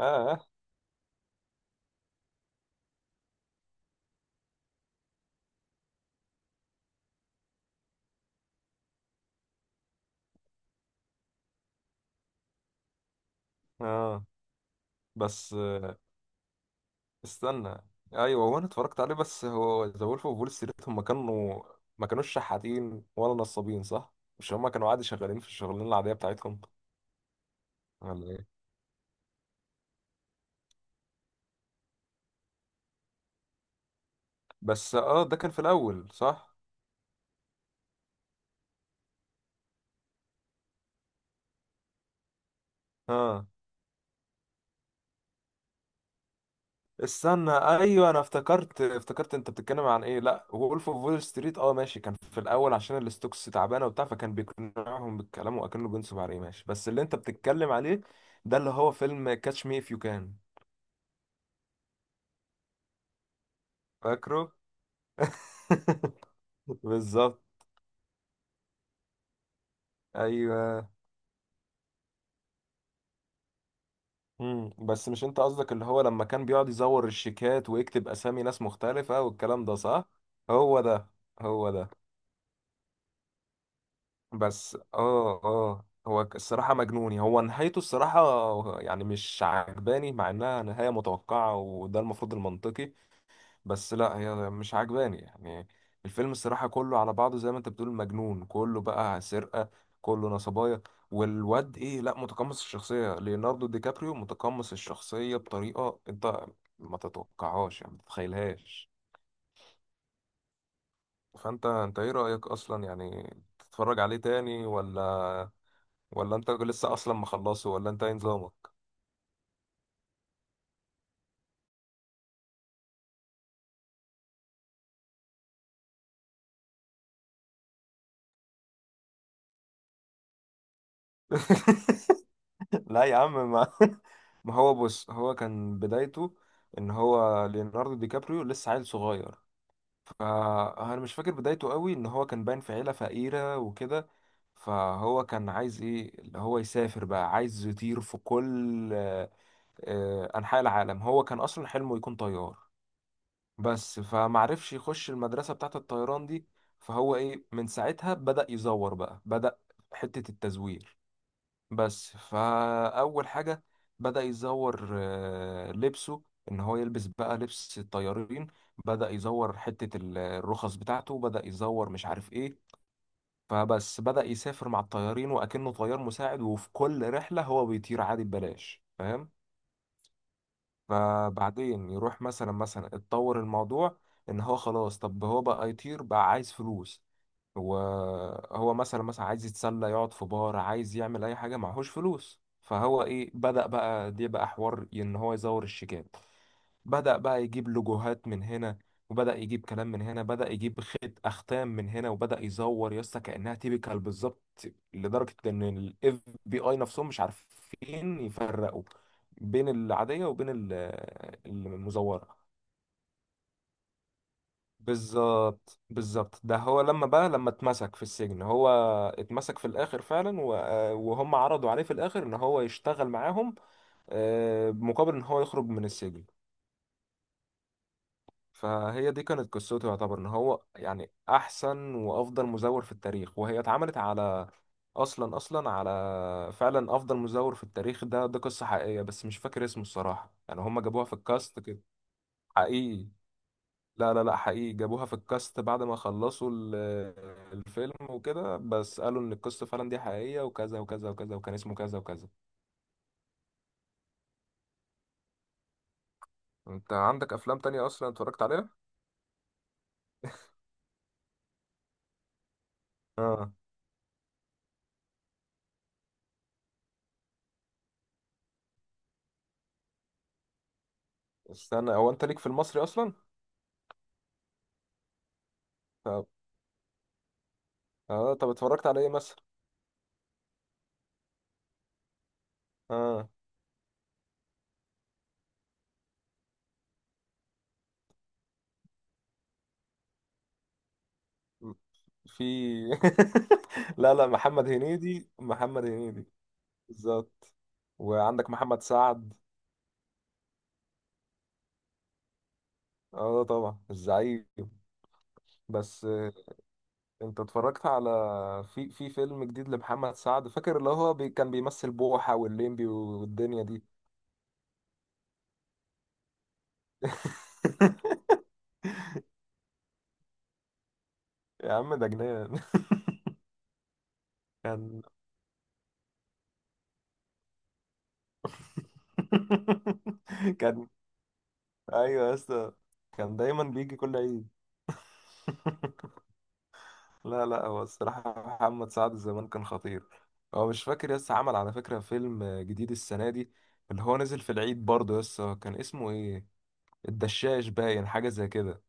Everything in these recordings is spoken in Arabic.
اه اه بس آه، استنى. ايوه، هو انا اتفرجت عليه، بس هو ذا وولف اوف وول ستريت هم كانوا، ما كانوش شحاتين ولا نصابين صح؟ مش هم كانوا عادي شغالين في الشغلانه العاديه بتاعتهم ولا ايه؟ بس ده كان في الاول صح. اه استنى، ايوه انا افتكرت، انت بتتكلم عن ايه. لا وولف اوف وول ستريت، ماشي، كان في الاول عشان الستوكس تعبانه وبتاع، فكان بيقنعهم بالكلام وكانه بينصب عليه. ماشي، بس اللي انت بتتكلم عليه ده اللي هو فيلم كاتش مي اف يو كان، فاكره؟ بالظبط. ايوه مم. بس مش انت قصدك اللي هو لما كان بيقعد يزور الشيكات ويكتب اسامي ناس مختلفة والكلام ده صح؟ هو ده، هو ده. بس هو الصراحة مجنوني، هو نهايته الصراحة يعني مش عجباني، مع انها نهاية متوقعة وده المفروض المنطقي، بس لا هي مش عجباني يعني. الفيلم الصراحة كله على بعضه زي ما انت بتقول مجنون، كله بقى سرقة، كله نصبايا. والواد ايه، لا متقمص الشخصية، ليوناردو دي كابريو متقمص الشخصية بطريقة انت ما تتوقعهاش يعني، ما تتخيلهاش. فانت ايه رأيك اصلا يعني؟ تتفرج عليه تاني ولا؟ ولا انت لسه اصلا مخلصه، ولا انت ايه نظامك؟ لا يا عم، ما ما هو بص، هو كان بدايته ان هو ليوناردو دي كابريو لسه عيل صغير، فانا مش فاكر بدايته قوي، ان هو كان باين في عيله فقيره وكده. فهو كان عايز ايه، اللي هو يسافر بقى، عايز يطير في كل انحاء العالم. هو كان اصلا حلمه يكون طيار بس، فمعرفش يخش المدرسه بتاعه الطيران دي. فهو ايه، من ساعتها بدأ يزور بقى، حته التزوير بس. فأول حاجة بدأ يزور لبسه، إن هو يلبس بقى لبس الطيارين. بدأ يزور حتة الرخص بتاعته، بدأ يزور مش عارف إيه. فبس بدأ يسافر مع الطيارين وأكنه طيار مساعد، وفي كل رحلة هو بيطير عادي ببلاش، فاهم؟ فبعدين يروح مثلا، اتطور الموضوع، إن هو خلاص طب هو بقى يطير بقى، عايز فلوس. وهو مثلا، عايز يتسلى يقعد في بار، عايز يعمل اي حاجه معهوش فلوس. فهو ايه، بدأ بقى دي بقى حوار ان هو يزور الشيكات. بدأ بقى يجيب لوجوهات من هنا، وبدأ يجيب كلام من هنا، بدأ يجيب خيط أختام من هنا، وبدأ يزور يا اسطى كأنها تيبيكال بالظبط، لدرجة إن ال FBI نفسهم مش عارفين يفرقوا بين العادية وبين المزورة. بالظبط، بالظبط. ده هو لما بقى، لما اتمسك في السجن، هو اتمسك في الاخر فعلا وهم عرضوا عليه في الاخر ان هو يشتغل معاهم، مقابل ان هو يخرج من السجن. فهي دي كانت قصته، يعتبر ان هو يعني احسن وافضل مزور في التاريخ، وهي اتعملت على اصلا اصلا على فعلا افضل مزور في التاريخ. ده ده قصة حقيقية، بس مش فاكر اسمه الصراحة يعني، هم جابوها في الكاست كده. حقيقي، لا لا لا، حقيقي، جابوها في الكاست بعد ما خلصوا الفيلم وكده، بس قالوا ان القصة فعلا دي حقيقية وكذا وكذا وكذا، وكان اسمه كذا وكذا. انت عندك افلام تانية اصلا اتفرجت عليها؟ اه استنى، هو انت ليك في المصري اصلا؟ طب اه طب اتفرجت على ايه مثلا؟ اه م- في لا لا، محمد هنيدي، محمد هنيدي. بالظبط. وعندك محمد سعد. اه طبعا، الزعيم. بس انت اتفرجت على، في فيلم جديد لمحمد سعد، فاكر اللي هو بي كان بيمثل بوحة والليمبي والدنيا دي؟ يا عم ده جنان. كان كان، ايوه يا اسطى، كان دايما بيجي كل عيد. لا لا، هو الصراحة محمد سعد زمان كان خطير. هو مش فاكر يسا عمل على فكرة فيلم جديد السنة دي اللي هو نزل في العيد برضه يسا، كان اسمه ايه، الدشاش باين حاجة زي كده.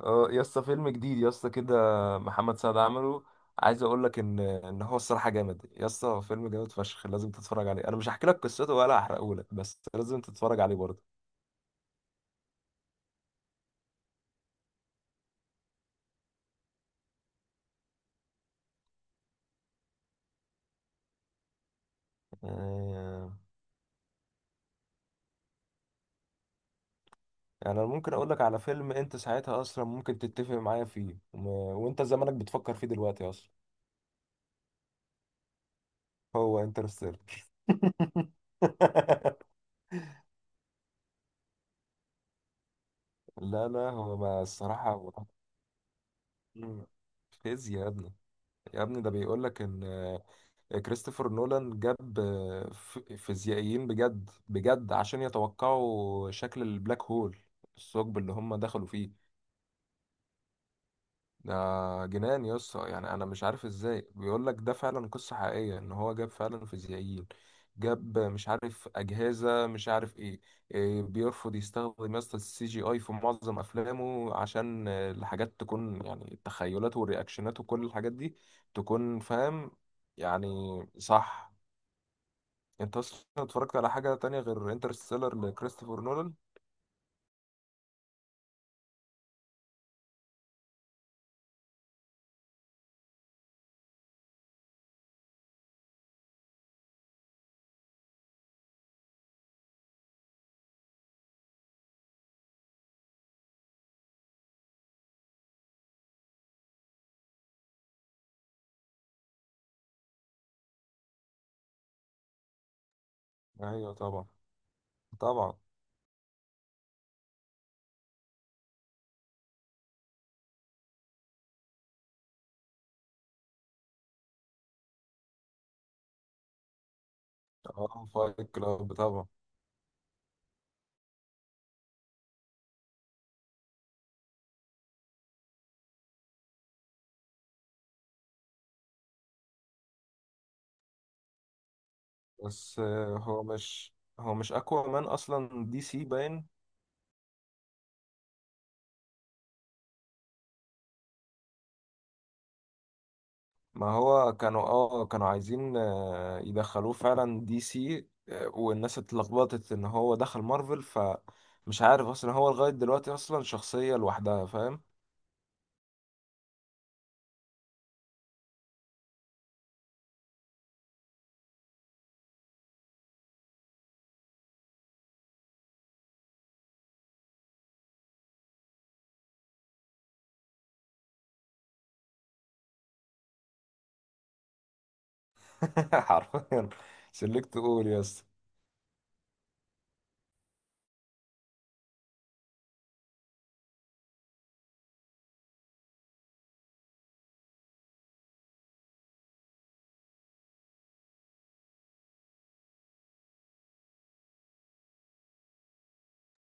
اه يا اسطى فيلم جديد يا اسطى كده، محمد سعد عمله. عايز اقول لك ان هو الصراحه جامد يا اسطى، هو فيلم جامد فشخ، لازم تتفرج عليه، انا مش هحكي لك قصته ولا هحرقه لك، بس لازم تتفرج عليه برضه. آه، يعني انا ممكن اقول لك على فيلم انت ساعتها اصلا ممكن تتفق معايا فيه، وانت زمانك بتفكر فيه دلوقتي اصلا. هو انترستيلر. لا لا، هو ما الصراحه مم. فيزياء يا ابني، يا ابني ده بيقول لك ان كريستوفر نولان جاب فيزيائيين بجد بجد عشان يتوقعوا شكل البلاك هول، الثقب اللي هم دخلوا فيه. ده جنان يا اسطى يعني، انا مش عارف ازاي بيقول لك ده فعلا قصة حقيقية، ان هو جاب فعلا فيزيائيين، جاب مش عارف اجهزة مش عارف ايه، إيه، بيرفض يستخدم يسطا السي جي اي في معظم افلامه عشان الحاجات تكون يعني التخيلات والرياكشنات وكل الحاجات دي تكون فاهم يعني، صح؟ انت اصلا اتفرجت على حاجة تانية غير انترستيلر لكريستوفر نولان؟ ايوه طبعا، طبعا. اه فايت كلاب طبعا. بس هو مش اقوى مان اصلا دي سي باين؟ ما هو كانوا، كانوا عايزين يدخلوه فعلا دي سي، والناس اتلخبطت ان هو دخل مارفل، فمش عارف اصلا هو لغاية دلوقتي اصلا شخصية لوحدها فاهم. حرفيا، سلكت قول يس.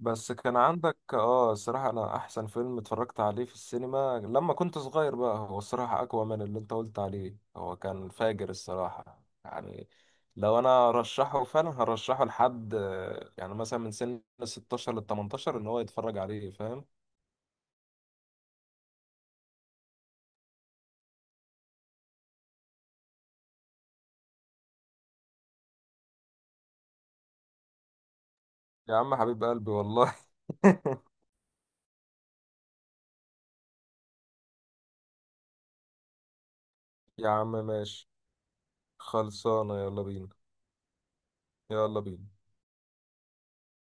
بس كان عندك الصراحة انا احسن فيلم اتفرجت عليه في السينما لما كنت صغير بقى هو، الصراحة اقوى من اللي انت قلت عليه، هو كان فاجر الصراحة يعني. لو انا رشحه فعلا هرشحه لحد يعني مثلا من سن 16 ل 18 ان هو يتفرج عليه فاهم. يا عم حبيب قلبي والله. يا عم ماشي، خلصانة، يلا بينا، يلا بينا.